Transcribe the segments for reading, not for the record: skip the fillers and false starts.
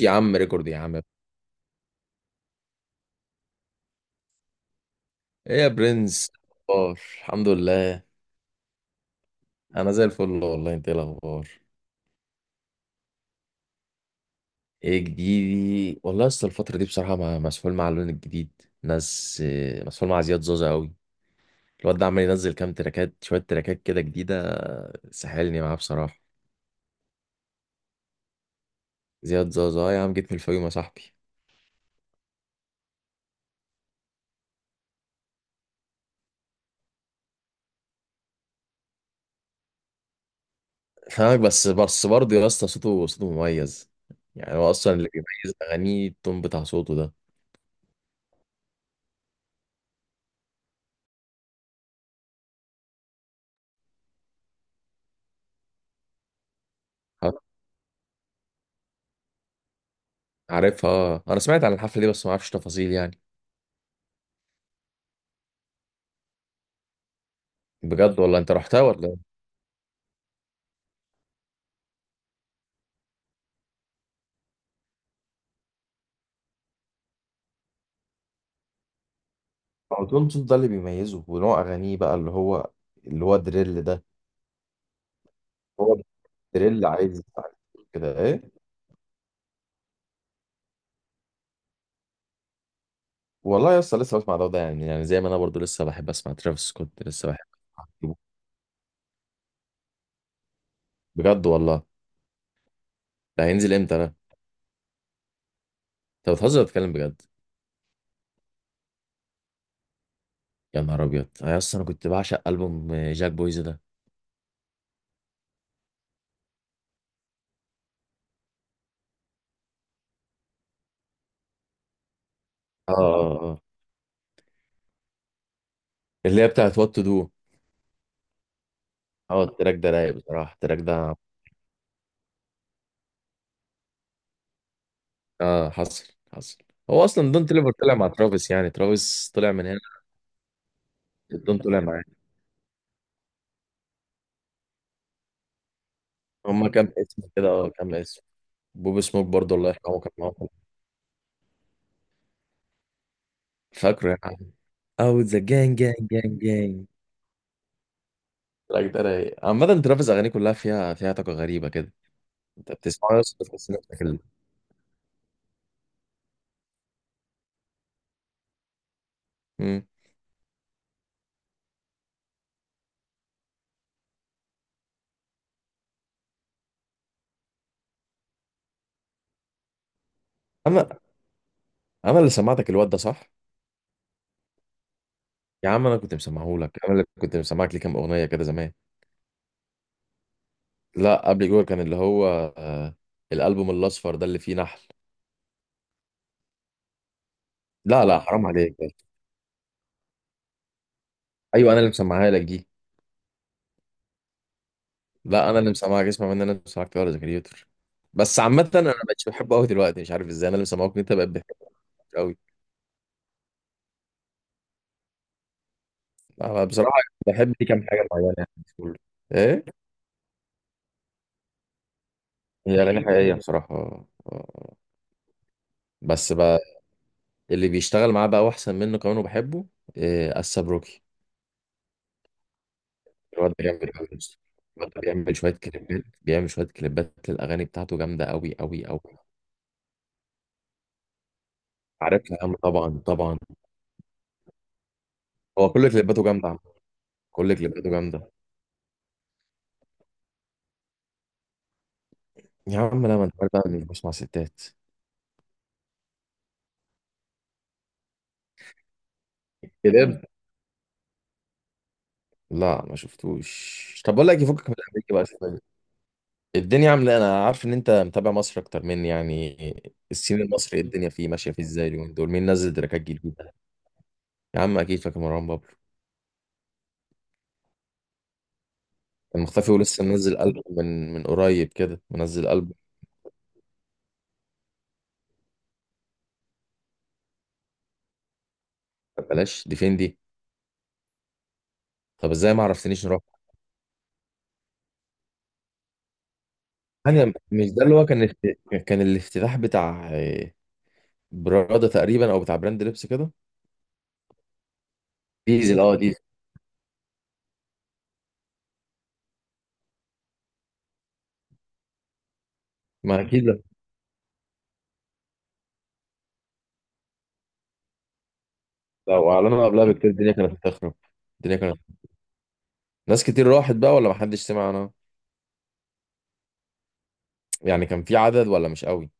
يا عم ريكورد يا عم. ايه يا برنس؟ اخبار؟ الحمد لله. انا زي الفل والله. انت ايه الاخبار؟ ايه جديدي؟ والله اصل الفتره دي بصراحه مسحول مع اللون الجديد. ناس، مسحول مع زياد زوزة قوي. الواد ده عمال ينزل كام تراكات، شويه تراكات كده جديده، سحلني معاه بصراحه. زياد زوزة، آه يا عم، جيت من الفيوم يا صاحبي. فاهمك. بس برضه يا اسطى، صوته مميز. يعني هو اصلا اللي بيميز اغانيه التون بتاع صوته ده. عارفها. آه. انا سمعت عن الحفله دي بس ما اعرفش تفاصيل يعني. بجد والله؟ انت رحتها ولا ايه؟ هو دول صوت ده اللي بيميزه ونوع اغانيه بقى اللي هو دريل ده. هو دريل عايز يسمع كده ايه. والله يا اسطى لسه بسمع ده وده، يعني زي ما انا برضو لسه بحب اسمع ترافيس سكوت لسه بحب. أسمع؟ بجد والله. ده هينزل امتى ده؟ انت بتهزر ولا بتتكلم بجد؟ يا نهار ابيض! انا اصلا، انا كنت بعشق البوم جاك بويز ده. اه اه اه. اللي هي بتاعت وات تو دو. اه، التراك ده رايق بصراحه التراك ده. اه، حصل حصل. هو اصلا دون تليفر طلع مع ترافيس، يعني ترافيس طلع من هنا. دون طلع معاه. هما كام اسم كده، كام اسم. بوب سموك برضه الله يرحمه كان معاهم. فاكره يا عم. او ذا جانج جانج جانج جانج. لا ده رايق. عامة ترافيس أغانيه كلها فيها طاقة غريبة كده. أنت بتسمعه بس بتحس نفسك مم. أنا أنا اللي سمعتك الواد ده صح؟ يا عم أنا كنت مسمعه لك، أنا اللي كنت مسمعك ليه كام أغنية كده زمان. لا قبل جوه كان اللي هو، آه، الألبوم الأصفر ده اللي فيه نحل. لا لا، حرام عليك. أيوه، أنا اللي مسمعها لك دي. لا، انا اللي مسامعك. اسمع مني. انا اللي مسامعك ولا كريتور. بس عامة انا ما بقتش بحبه قوي دلوقتي، مش عارف ازاي انا اللي مسامعك انت بقيت بحبه قوي. انا بصراحة بحب دي كام حاجة معينة يعني في كله. ايه، هي اغاني حقيقية بصراحة، آه. بس بقى. اللي بيشتغل معاه بقى، واحسن منه كمان وبحبه. إيه السبروكي؟ الواد ده جامد قوي يا اسطى. الواد ده بيعمل شوية كليبات، بيعمل شوية كليبات للاغاني بتاعته جامدة قوي قوي قوي. عارفها يا عم، طبعا طبعا. هو كل كليباته جامدة عم. كل كليباته جامدة. يا عم لا، ما انت عارف بقى اني مش بسمع ستات. بجد؟ لا ما شفتوش. طب بقول لك يفكك من الامريكي بقى شويه. الدنيا عامله إيه؟ انا عارف ان انت متابع مصر اكتر مني يعني. السين المصري إيه؟ الدنيا فيه ماشيه فيه ازاي اليومين دول؟ مين نزل تراكات جديده؟ يا عم اكيد فاكر مروان بابلو. كان مختفي، ولسه منزل ألبوم من قريب كده، منزل ألبوم. بلاش دي فين دي؟ طب ازاي ما عرفتنيش نروح؟ انا، مش ده اللي هو كان كان الافتتاح بتاع، براده تقريبا او بتاع براند لبس كده؟ ديزل، اه ديزل. ما اكيد، لو اعلنوا قبلها بكتير الدنيا كانت هتخرب. الدنيا كانت، ناس كتير راحت بقى ولا محدش سمع عنها؟ يعني كان في عدد ولا مش قوي؟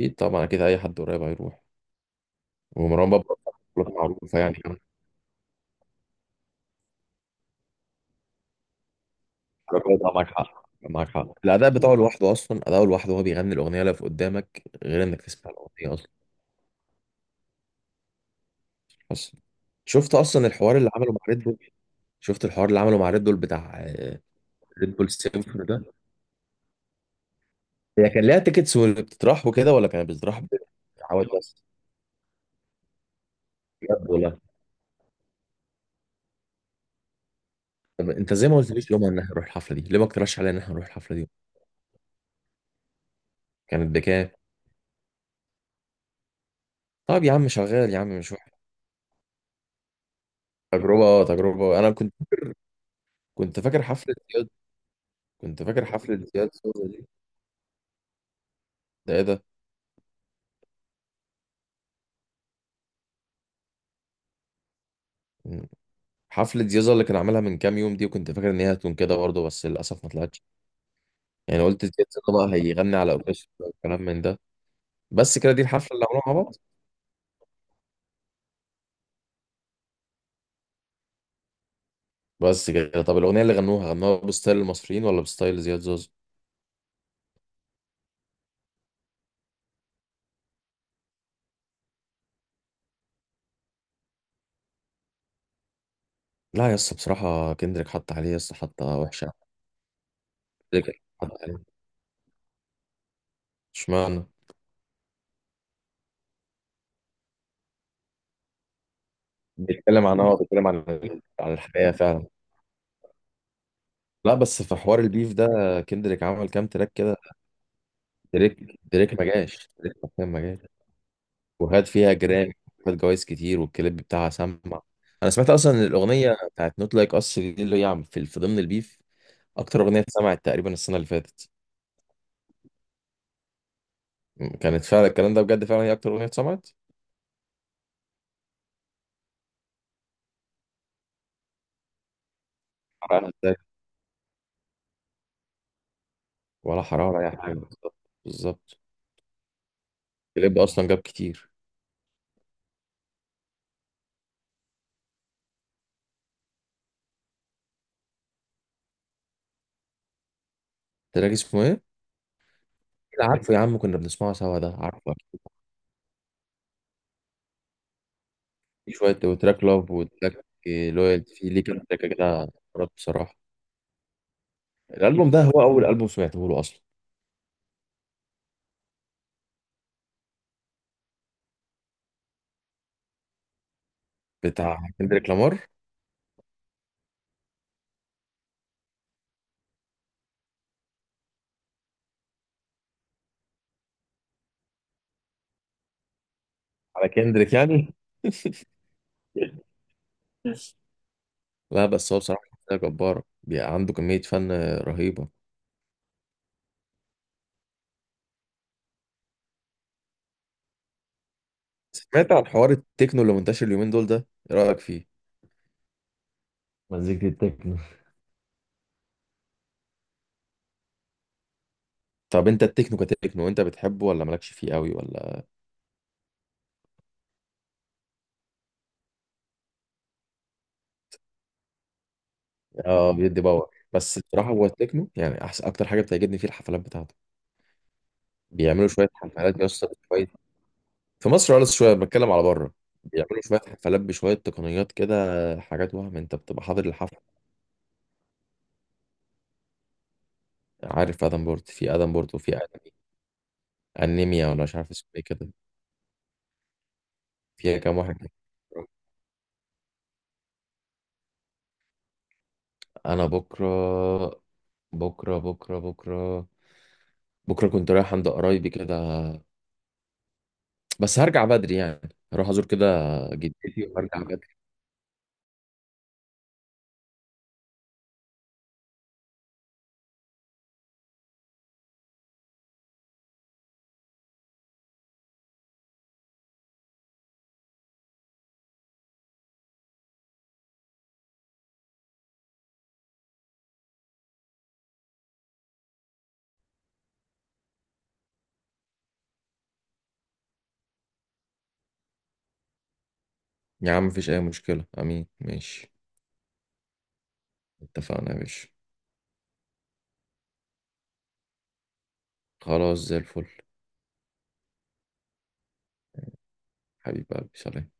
اكيد طبعا، اكيد اي حد قريب هيروح. ومروان بابا بطولات معروفه يعني طبعاً معاك حق معاك حق. الاداء بتاعه لوحده، اصلا اداؤه لوحده وهو بيغني الاغنيه اللي في قدامك غير انك تسمع الاغنيه اصلا. اصلا، شفت اصلا الحوار اللي عمله مع ريد بول؟ شفت الحوار اللي عمله مع ريد بول بتاع. ريد بول سيمفون ده. هي كان ليها تيكتس واللي بتطرح وكده ولا كانت بتطرح؟ بعواد بس. بجد والله. طب انت زي ما قلتليش يوم ان احنا نروح الحفله دي، ليه ما اقترحش عليا ان احنا نروح الحفله دي؟ كانت بكام؟ طب يا عم شغال يا عم، مش وحش. تجربه، تجربه. انا كنت. كنت فاكر حفله زياد. كنت فاكر حفله زياد زوزة دي. ده ايه ده؟ م. حفله زياد زوزة اللي كان عملها من كام يوم دي، وكنت فاكر ان هي هتكون كده برضه بس للاسف ما طلعتش. يعني قلت زياد زوزة بقى هيغني على اوركسترا والكلام من ده. بس كده دي الحفله اللي عملوها مع بعض. بس كده. طب الاغنيه اللي غنوها، غنوها بستايل المصريين ولا بستايل زياد زوزة؟ لا يا اسطى بصراحه كندريك حط عليه يا اسطى، حطه وحشه. كندريك حط عليه. اشمعنى؟ بيتكلم عن، بيتكلم عن الحياة فعلا. لا بس في حوار البيف ده، كندريك عمل كام تراك كده. دريك ما جاش. دريك حرفيا ما جاش. وخد فيها جرامي. خد جوايز كتير والكليب بتاعها سمع. انا سمعت اصلا إن الاغنيه بتاعت نوت لايك اس دي اللي هي في ضمن البيف. اكتر اغنيه اتسمعت تقريبا السنه اللي فاتت. كانت فعلا الكلام ده بجد، فعلا هي اكتر اغنيه اتسمعت. حرارة ده. ولا حراره ولا اي حاجه بالظبط. بالظبط. الكليب اصلا جاب كتير. تراك اسمه ايه؟ لا، عارفه يا عم، كنا بنسمعه سوا ده عارفه. في شوية، وتراك لاف وتراك لويال، في ليه كام تراك كده. مرات بصراحة. الألبوم ده هو أول ألبوم سمعته له أصلا. بتاع كندريك لامار. على كندريك يعني. لا بس هو بصراحة شخصية جبارة، بيبقى عنده كمية فن رهيبة. سمعت عن حوار التكنو اللي منتشر اليومين دول ده؟ إيه رأيك فيه؟ مزيكة التكنو. طب أنت التكنو كتكنو أنت بتحبه ولا مالكش فيه قوي ولا؟ آه بيدي باور. بس بصراحة هو التكنو، يعني أحسن أكتر حاجة بتعجبني فيه الحفلات بتاعته. بيعملوا شوية حفلات يا اسطى. في مصر قلص شويه، بتكلم على بره. بيعملوا شويه حفلات بشويه تقنيات كده. حاجات وهم انت بتبقى حاضر الحفله. عارف ادم بورت؟ في ادم بورت وفي انمي. انيميا ولا مش عارف اسمه ايه كده. فيها كام واحد كده. انا بكره. بكره بكره بكره. بكره كنت رايح عند قرايبي كده. بس هرجع بدري يعني. هروح ازور كده. جدتي وارجع بدري. يا عم مفيش اي مشكله، امين ماشي. اتفقنا يا باشا. خلاص زي الفل. حبيب قلبي، سلام.